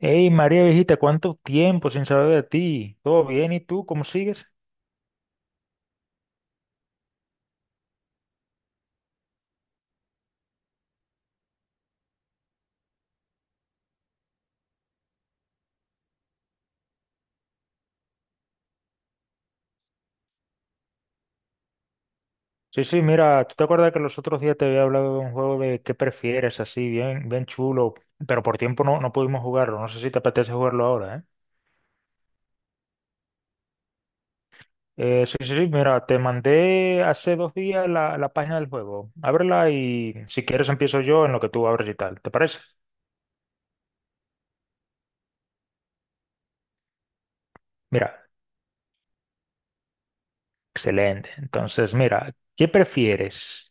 Hey María viejita, ¿cuánto tiempo sin saber de ti? ¿Todo bien? ¿Y tú cómo sigues? Sí, sí, mira, ¿tú te acuerdas que los otros días te había hablado de un juego de qué prefieres, así, bien, bien chulo, pero por tiempo no pudimos jugarlo, no sé si te apetece jugarlo ahora, ¿eh? Sí, sí, sí, mira, te mandé hace 2 días la página del juego, ábrela y si quieres empiezo yo en lo que tú abres y tal, ¿te parece? Mira, excelente, entonces mira, ¿qué prefieres?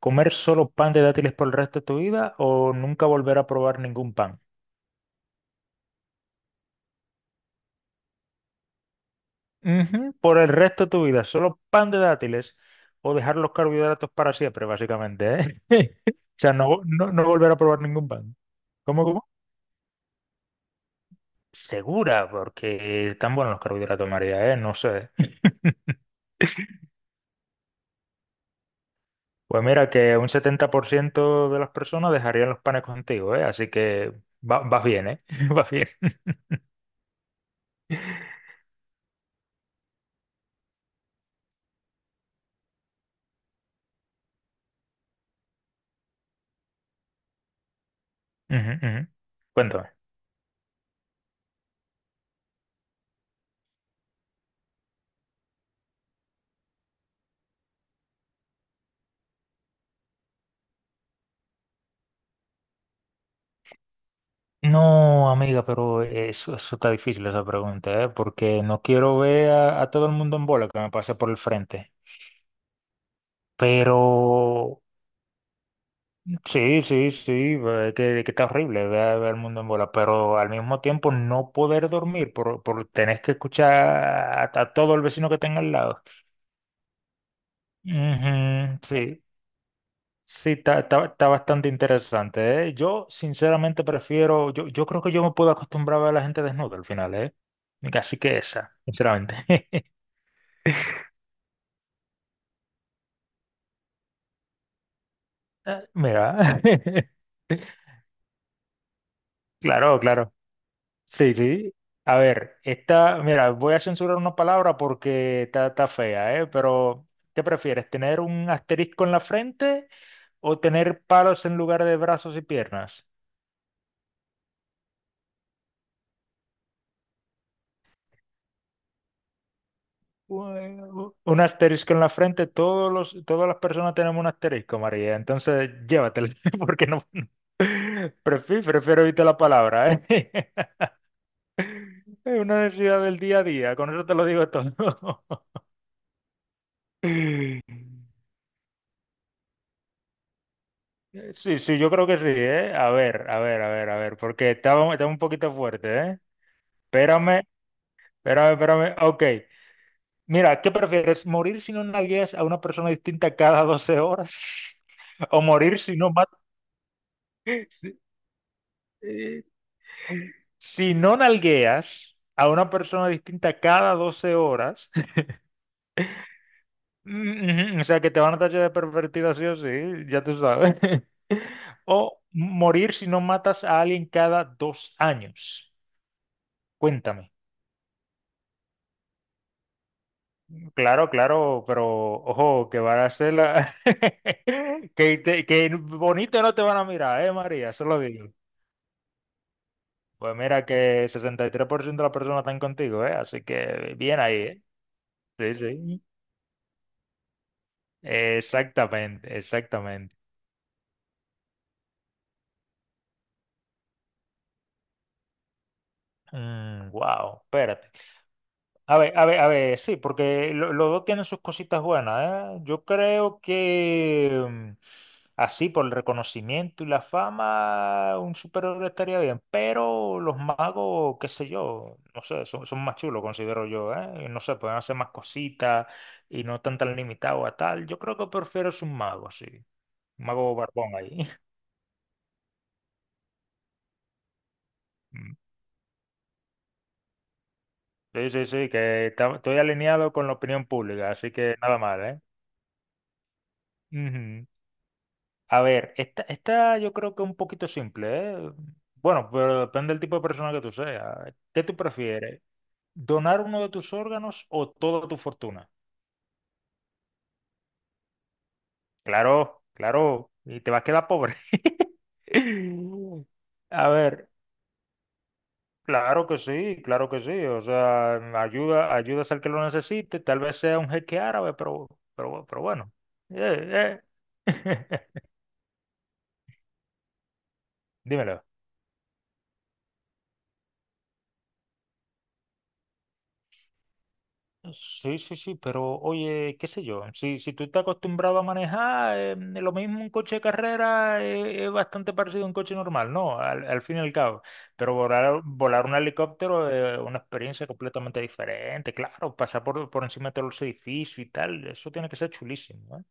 ¿Comer solo pan de dátiles por el resto de tu vida o nunca volver a probar ningún pan? Ujú. Por el resto de tu vida, solo pan de dátiles o dejar los carbohidratos para siempre, básicamente, ¿eh? O sea, no, no volver a probar ningún pan. ¿Cómo, cómo? Segura, porque están buenos los carbohidratos, María, ¿eh? No sé. Pues mira que un 70% de las personas dejarían los panes contigo, ¿eh? Así que vas bien, ¿eh? Vas bien. Ujú, ujú. Cuéntame. No, amiga, pero eso está difícil esa pregunta, ¿eh? Porque no quiero ver a, todo el mundo en bola que me pase por el frente. Pero sí, sí, sí, que está horrible ver, el mundo en bola, pero al mismo tiempo no poder dormir por tenés que escuchar a, todo el vecino que tenga al lado. Ujú, sí, sí, está bastante interesante, ¿eh? Yo sinceramente prefiero, yo creo que yo me puedo acostumbrar a ver a la gente desnuda al final, ¿eh? Así que esa, sinceramente. Ah, mira, claro, claro. Sí, sí. A ver, esta, mira, voy a censurar una palabra porque está fea, ¿eh? Pero, ¿qué prefieres? ¿Tener un asterisco en la frente o tener palos en lugar de brazos y piernas? Bueno, un asterisco en la frente, todas las personas tenemos un asterisco, María. Entonces, llévatelo, porque no. Prefiero evitar la palabra, ¿eh? Es una necesidad del día a día, con eso te lo digo todo. Sí, sí, yo creo que sí, ¿eh? A ver, a ver, a ver, a ver, porque estaba un poquito fuerte, ¿eh? Espérame, espérame, espérame. Ok. Mira, ¿qué prefieres? ¿Morir si no nalgueas a una persona distinta cada 12 horas? ¿O morir si no matas? Si, eh, si no nalgueas a una persona distinta cada 12 horas, ujú, o sea que te van a tachar de pervertida, sí o sí, ya tú sabes. O morir si no matas a alguien cada 2 años. Cuéntame. Claro, claro, pero ojo, que van a ser la. Que, que bonito no te van a mirar, ¿eh, María? Eso lo digo. Pues mira que 63% de las personas están contigo, ¿eh? Así que bien ahí, ¿eh? Sí, sí. Exactamente, exactamente. Wow, espérate. A ver, a ver, a ver, sí, porque los dos tienen sus cositas buenas, ¿eh? Yo creo que así, por el reconocimiento y la fama, un superhéroe estaría bien, pero los magos, qué sé yo, no sé, son más chulos, considero yo, ¿eh? Y no sé, pueden hacer más cositas y no están tan limitados a tal. Yo creo que prefiero es un mago, sí, un mago barbón ahí. Mm. Sí, sí, sí, que estoy alineado con la opinión pública, así que nada mal, ¿eh? Ujú. A ver, esta yo creo que es un poquito simple, ¿eh? Bueno, pero depende del tipo de persona que tú seas. ¿Qué tú prefieres? ¿Donar uno de tus órganos o toda tu fortuna? Claro, claro, y te vas a quedar pobre. A ver, claro que sí, claro que sí. O sea, ayudas al que lo necesite, tal vez sea un jeque árabe, pero, bueno. Eh, eh. Dímelo. Sí, sí, sí, pero oye, qué sé yo, si tú estás acostumbrado a manejar, lo mismo un coche de carrera es bastante parecido a un coche normal, ¿no? Al fin y al cabo. Pero volar un helicóptero es una experiencia completamente diferente, claro, pasar por, encima de todos los edificios y tal, eso tiene que ser chulísimo, ¿eh?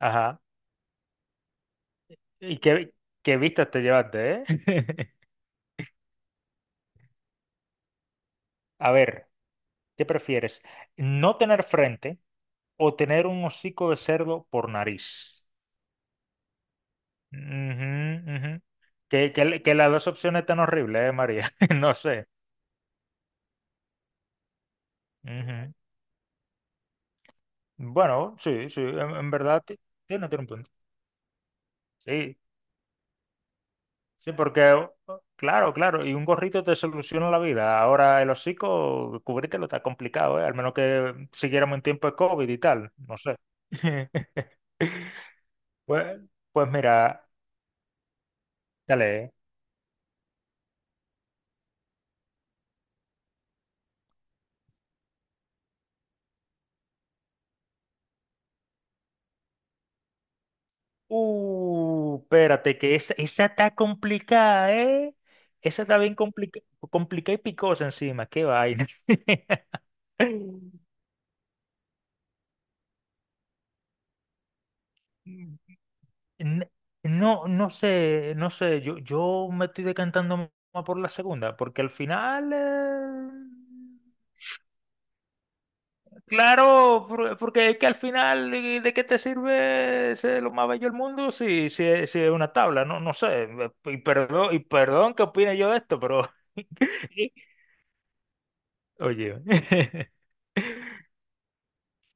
Ajá. ¿Y qué, vistas te llevaste, eh? A ver, ¿qué prefieres? ¿No tener frente o tener un hocico de cerdo por nariz? Ujú, ujú. Que las dos opciones están horribles, María. No sé. Ujú. Bueno, sí, sí, en verdad tiene un punto. Sí, sí, porque, claro, claro, y un gorrito te soluciona la vida. Ahora el hocico, cubrírtelo está complicado, ¿eh? Al menos que siguiéramos en tiempo de COVID y tal, no sé. Pues, pues mira, dale. ¿Eh? Espérate, que esa está complicada, ¿eh? Esa está bien complicada y picosa encima, qué vaina. N- No, no sé, yo me estoy decantando más por la segunda, porque al final, claro, porque es que al final, ¿de qué te sirve ser lo más bello del mundo si es una tabla? No, no sé, y perdón, que opine yo de esto, pero, oye.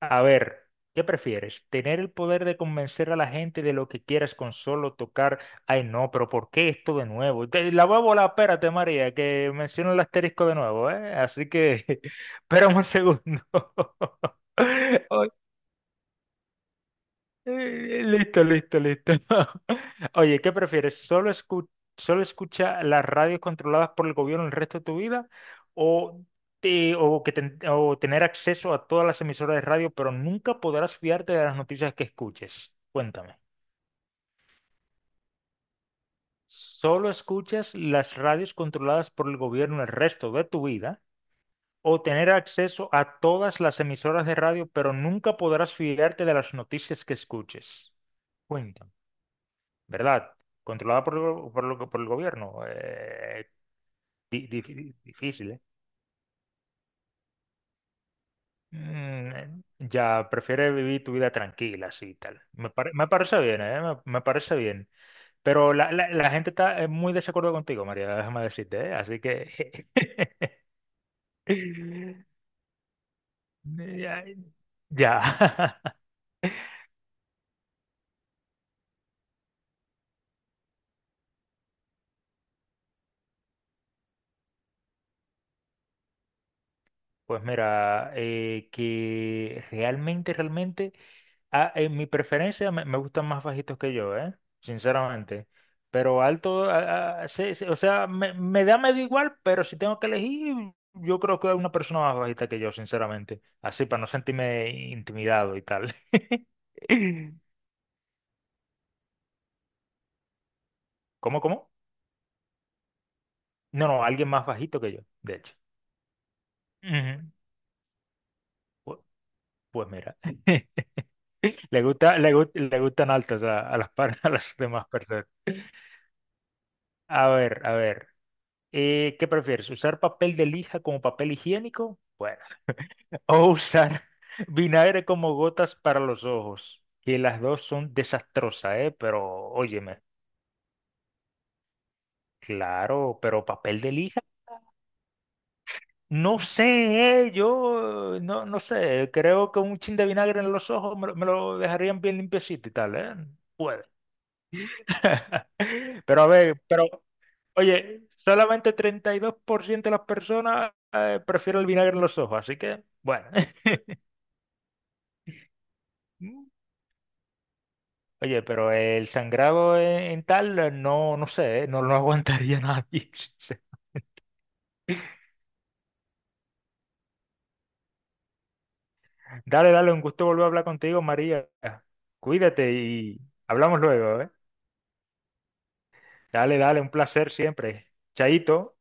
A ver, ¿qué prefieres? ¿Tener el poder de convencer a la gente de lo que quieras con solo tocar? Ay, no, pero ¿por qué esto de nuevo? La voy a volar, espérate, María, que menciono el asterisco de nuevo, ¿eh? Así que, espérame un segundo. Ok, listo, listo, listo. Oye, ¿qué prefieres? ¿Solo solo escucha las radios controladas por el gobierno el resto de tu vida? ¿O, te- o, que ten- o tener acceso a todas las emisoras de radio, pero nunca podrás fiarte de las noticias que escuches? Cuéntame. ¿Solo escuchas las radios controladas por el gobierno el resto de tu vida? ¿O tener acceso a todas las emisoras de radio, pero nunca podrás fiarte de las noticias que escuches? Cuéntame. ¿Verdad? Controlada por el gobierno. Difícil, ¿eh? Ya, prefiere vivir tu vida tranquila, así y tal. Me parece bien, ¿eh? Me parece bien. Pero la gente está en muy desacuerdo contigo, María, déjame decirte, ¿eh? Así que. Ya, ya. Pues mira, que realmente... Ah, en mi preferencia me gustan más bajitos que yo, ¿eh? Sinceramente. Pero alto, sí, sí, o sea, me da medio igual, pero si tengo que elegir, yo creo que hay una persona más bajita que yo, sinceramente. Así, para no sentirme intimidado y tal. ¿Cómo, cómo? No, no, alguien más bajito que yo, de hecho. Ujú. Pu- Pues, mira, le gustan altos a a las demás personas. A ver, a ver. ¿Qué prefieres? ¿Usar papel de lija como papel higiénico? Bueno, o usar vinagre como gotas para los ojos, que las dos son desastrosas, ¿eh? Pero óyeme, claro, pero papel de lija. No sé, yo no sé, creo que un chin de vinagre en los ojos me lo dejarían bien limpiecito y tal, ¿eh? Puede. Pero a ver, pero oye, solamente 32% de las personas prefieren el vinagre en los ojos, así que bueno. Oye, pero el sangrado en tal, no sé, no lo aguantaría nadie. Dale, dale, un gusto volver a hablar contigo, María. Cuídate y hablamos luego, ¿eh? Dale, dale, un placer siempre. Chaito.